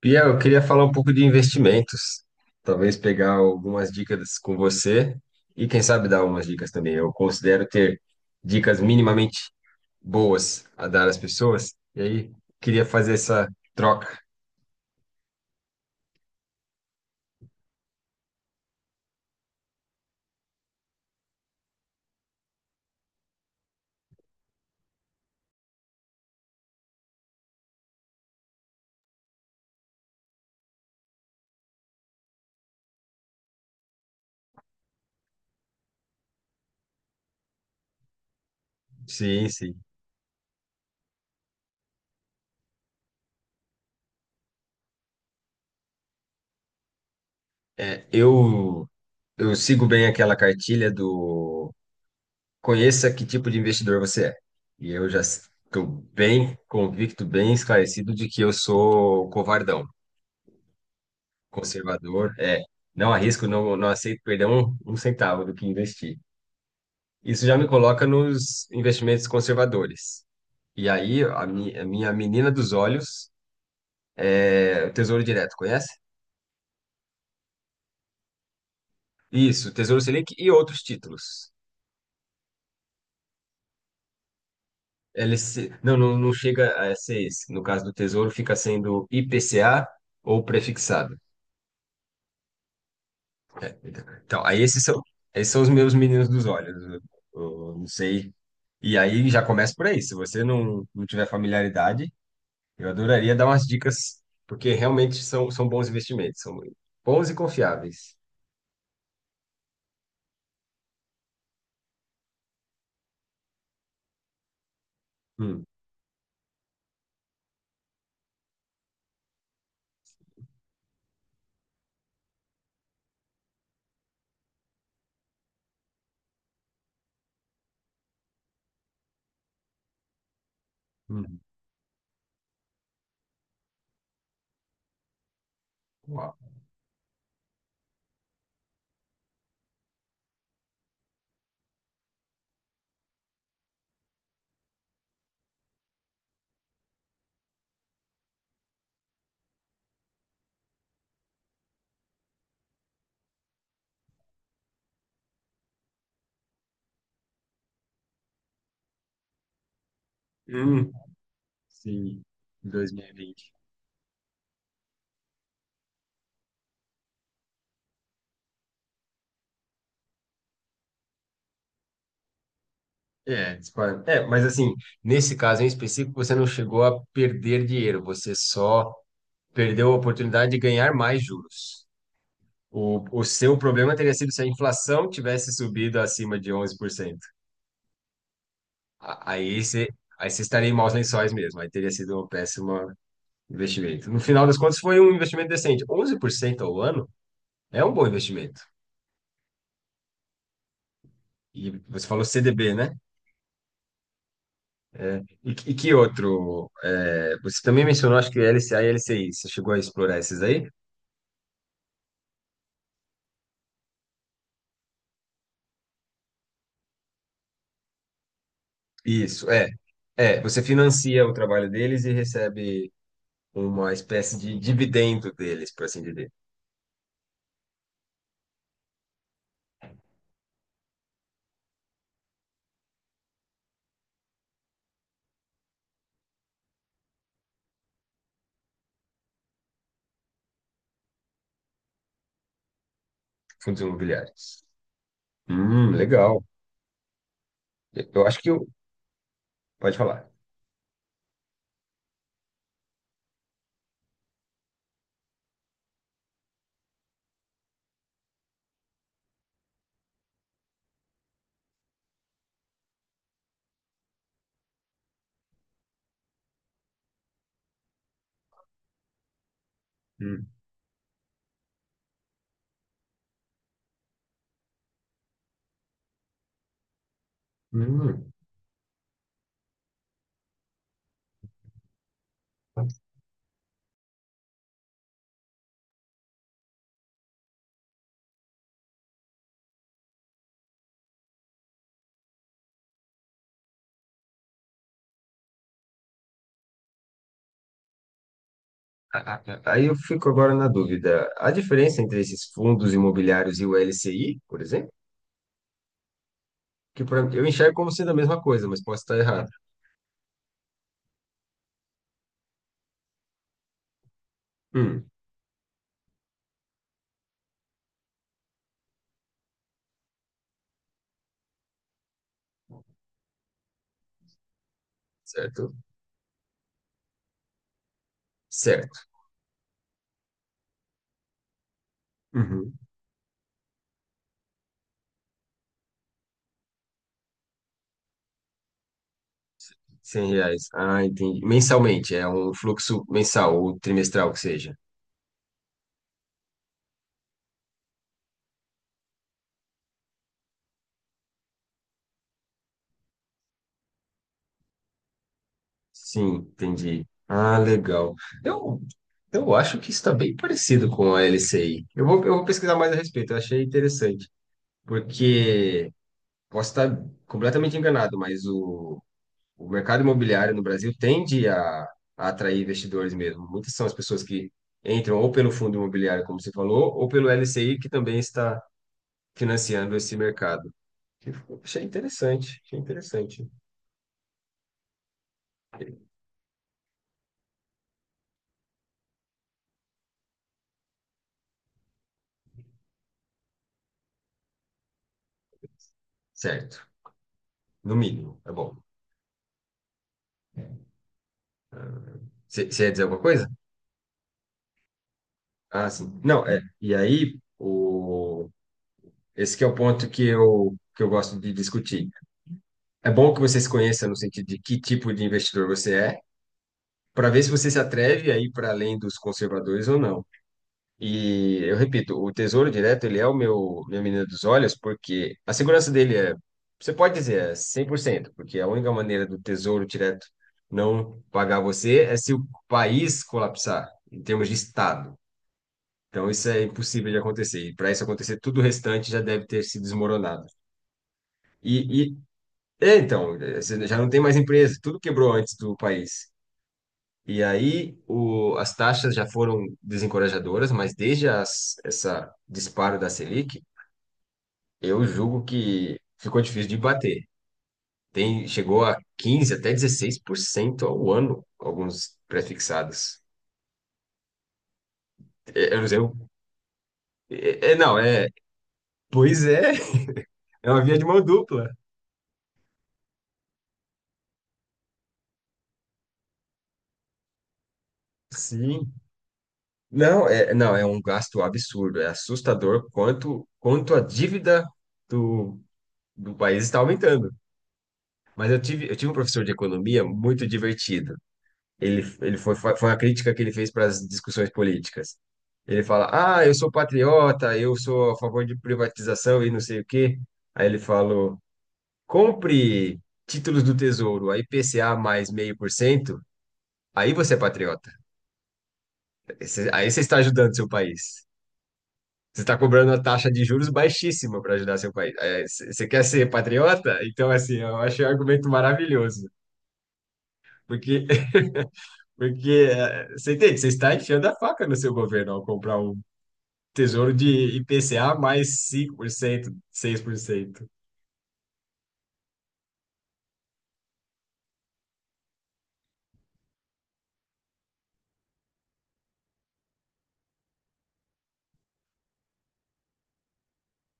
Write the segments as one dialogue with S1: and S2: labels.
S1: Pia, eu queria falar um pouco de investimentos. Talvez pegar algumas dicas com você e, quem sabe, dar umas dicas também. Eu considero ter dicas minimamente boas a dar às pessoas. E aí, queria fazer essa troca. Sim, sim. É, eu, eu sigo bem aquela cartilha do conheça que tipo de investidor você é. E eu já estou bem convicto, bem esclarecido de que eu sou covardão. Conservador, é. Não arrisco, não, não aceito perder um centavo do que investi. Isso já me coloca nos investimentos conservadores. E aí, a minha menina dos olhos, é, o Tesouro Direto, conhece? Isso, Tesouro Selic e outros títulos. Eles, se- não, não, não chega a ser esse. No caso do Tesouro, fica sendo IPCA ou prefixado. Então, esses são os meus meninos dos olhos. Eu não sei. E aí já começa por aí. Se você não tiver familiaridade, eu adoraria dar umas dicas, porque realmente são bons investimentos, são bons e confiáveis. Hum, hum, uau. Hum, sim, 2020. Mas assim, nesse caso em específico, você não chegou a perder dinheiro, você só perdeu a oportunidade de ganhar mais juros. O seu problema teria sido se a inflação tivesse subido acima de 11%. A- Aí você, aí você estaria em maus lençóis mesmo, aí teria sido uma péssima, investimento. No final das contas, foi um investimento decente. Onze por cento ao ano é um bom investimento. E você falou CDB, né? E, que outro? É, você também mencionou, acho que LCA e LCI. Você chegou a explorar esses aí? Isso, é. É, você financia o trabalho deles e recebe uma espécie de dividendo deles, por assim dizer, fundos imobiliários. Legal. Eu acho que... Pode falar. Hum. Hum. Aí eu fico agora na dúvida. A diferença entre esses fundos imobiliários e o LCI, por exemplo, eu enxergo como sendo a mesma coisa, mas posso estar errado. Hum, certo? Certo. Uhum. R$ 100. Ah, entendi. Mensalmente, é um fluxo mensal ou trimestral que seja. Sim, entendi. Ah, legal. Eu, eu acho que está bem parecido com a LCI. Eu vou pesquisar mais a respeito, eu achei interessante, porque posso estar completamente enganado, mas o mercado imobiliário no Brasil tende a atrair investidores mesmo. Muitas são as pessoas que entram ou pelo fundo imobiliário, como você falou, ou pelo LCI, que também está financiando esse mercado. Eu Achei interessante, achei interessante. Certo, no mínimo, é bom. Você ia dizer alguma coisa? Ah, sim. Não, é. E aí, esse que é o ponto que eu gosto de discutir. É bom que você se conheça no sentido de que tipo de investidor você é, para ver se você se atreve aí para além dos conservadores ou não. E eu repito, o Tesouro Direto, ele é o meu minha menina dos olhos, porque a segurança dele é, você pode dizer, é 100% porque a única maneira do Tesouro Direto não pagar você é se o país colapsar, em termos de Estado. Então isso é impossível de acontecer. E para isso acontecer, tudo o restante já deve ter se desmoronado. E, e é, então, é, você já não tem mais empresa, tudo quebrou antes do país. E aí as taxas já foram desencorajadoras, mas essa disparo da Selic, eu julgo que ficou difícil de bater. Chegou a 15 até 16% ao ano, alguns prefixados. É, eu não sei. É, é, não, é. Pois é, é uma via de mão dupla. Sim. Não, é um gasto absurdo. É assustador quanto a dívida do, do país está aumentando. Mas eu tive um professor de economia muito divertido. Ele foi a crítica que ele fez para as discussões políticas. Ele fala: ah, eu sou patriota, eu sou a favor de privatização e não sei o quê. Aí ele falou: compre títulos do Tesouro, a IPCA mais 0,5%, aí você é patriota. Aí você está ajudando seu país. Você está cobrando uma taxa de juros baixíssima para ajudar seu país. Você quer ser patriota? Então, assim, eu achei um argumento maravilhoso. Porque, porque você entende? Você está enfiando a faca no seu governo ao comprar um Tesouro de IPCA mais 5%, 6%.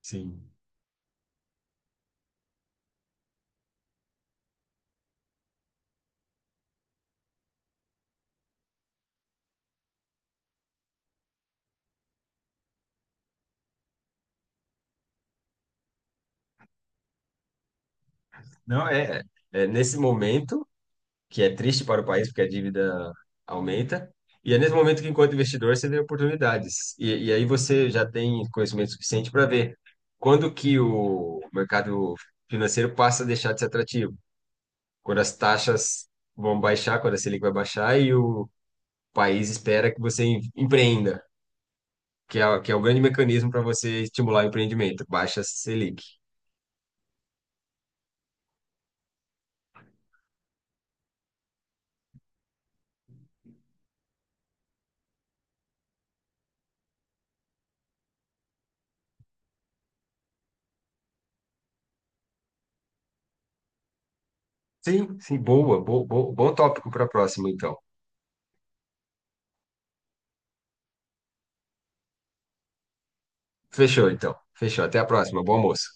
S1: Sim. Não, é, nesse momento, que é triste para o país, porque a dívida aumenta, e é nesse momento que, enquanto investidor, você vê oportunidades. Aí você já tem conhecimento suficiente para ver quando que o mercado financeiro passa a deixar de ser atrativo, quando as taxas vão baixar, quando a Selic vai baixar e o país espera que você empreenda. Que é o grande mecanismo para você estimular o empreendimento, baixa Selic. Sim, sim, bom tópico para a próxima, então. Fechou, então. Fechou. Até a próxima. Bom almoço.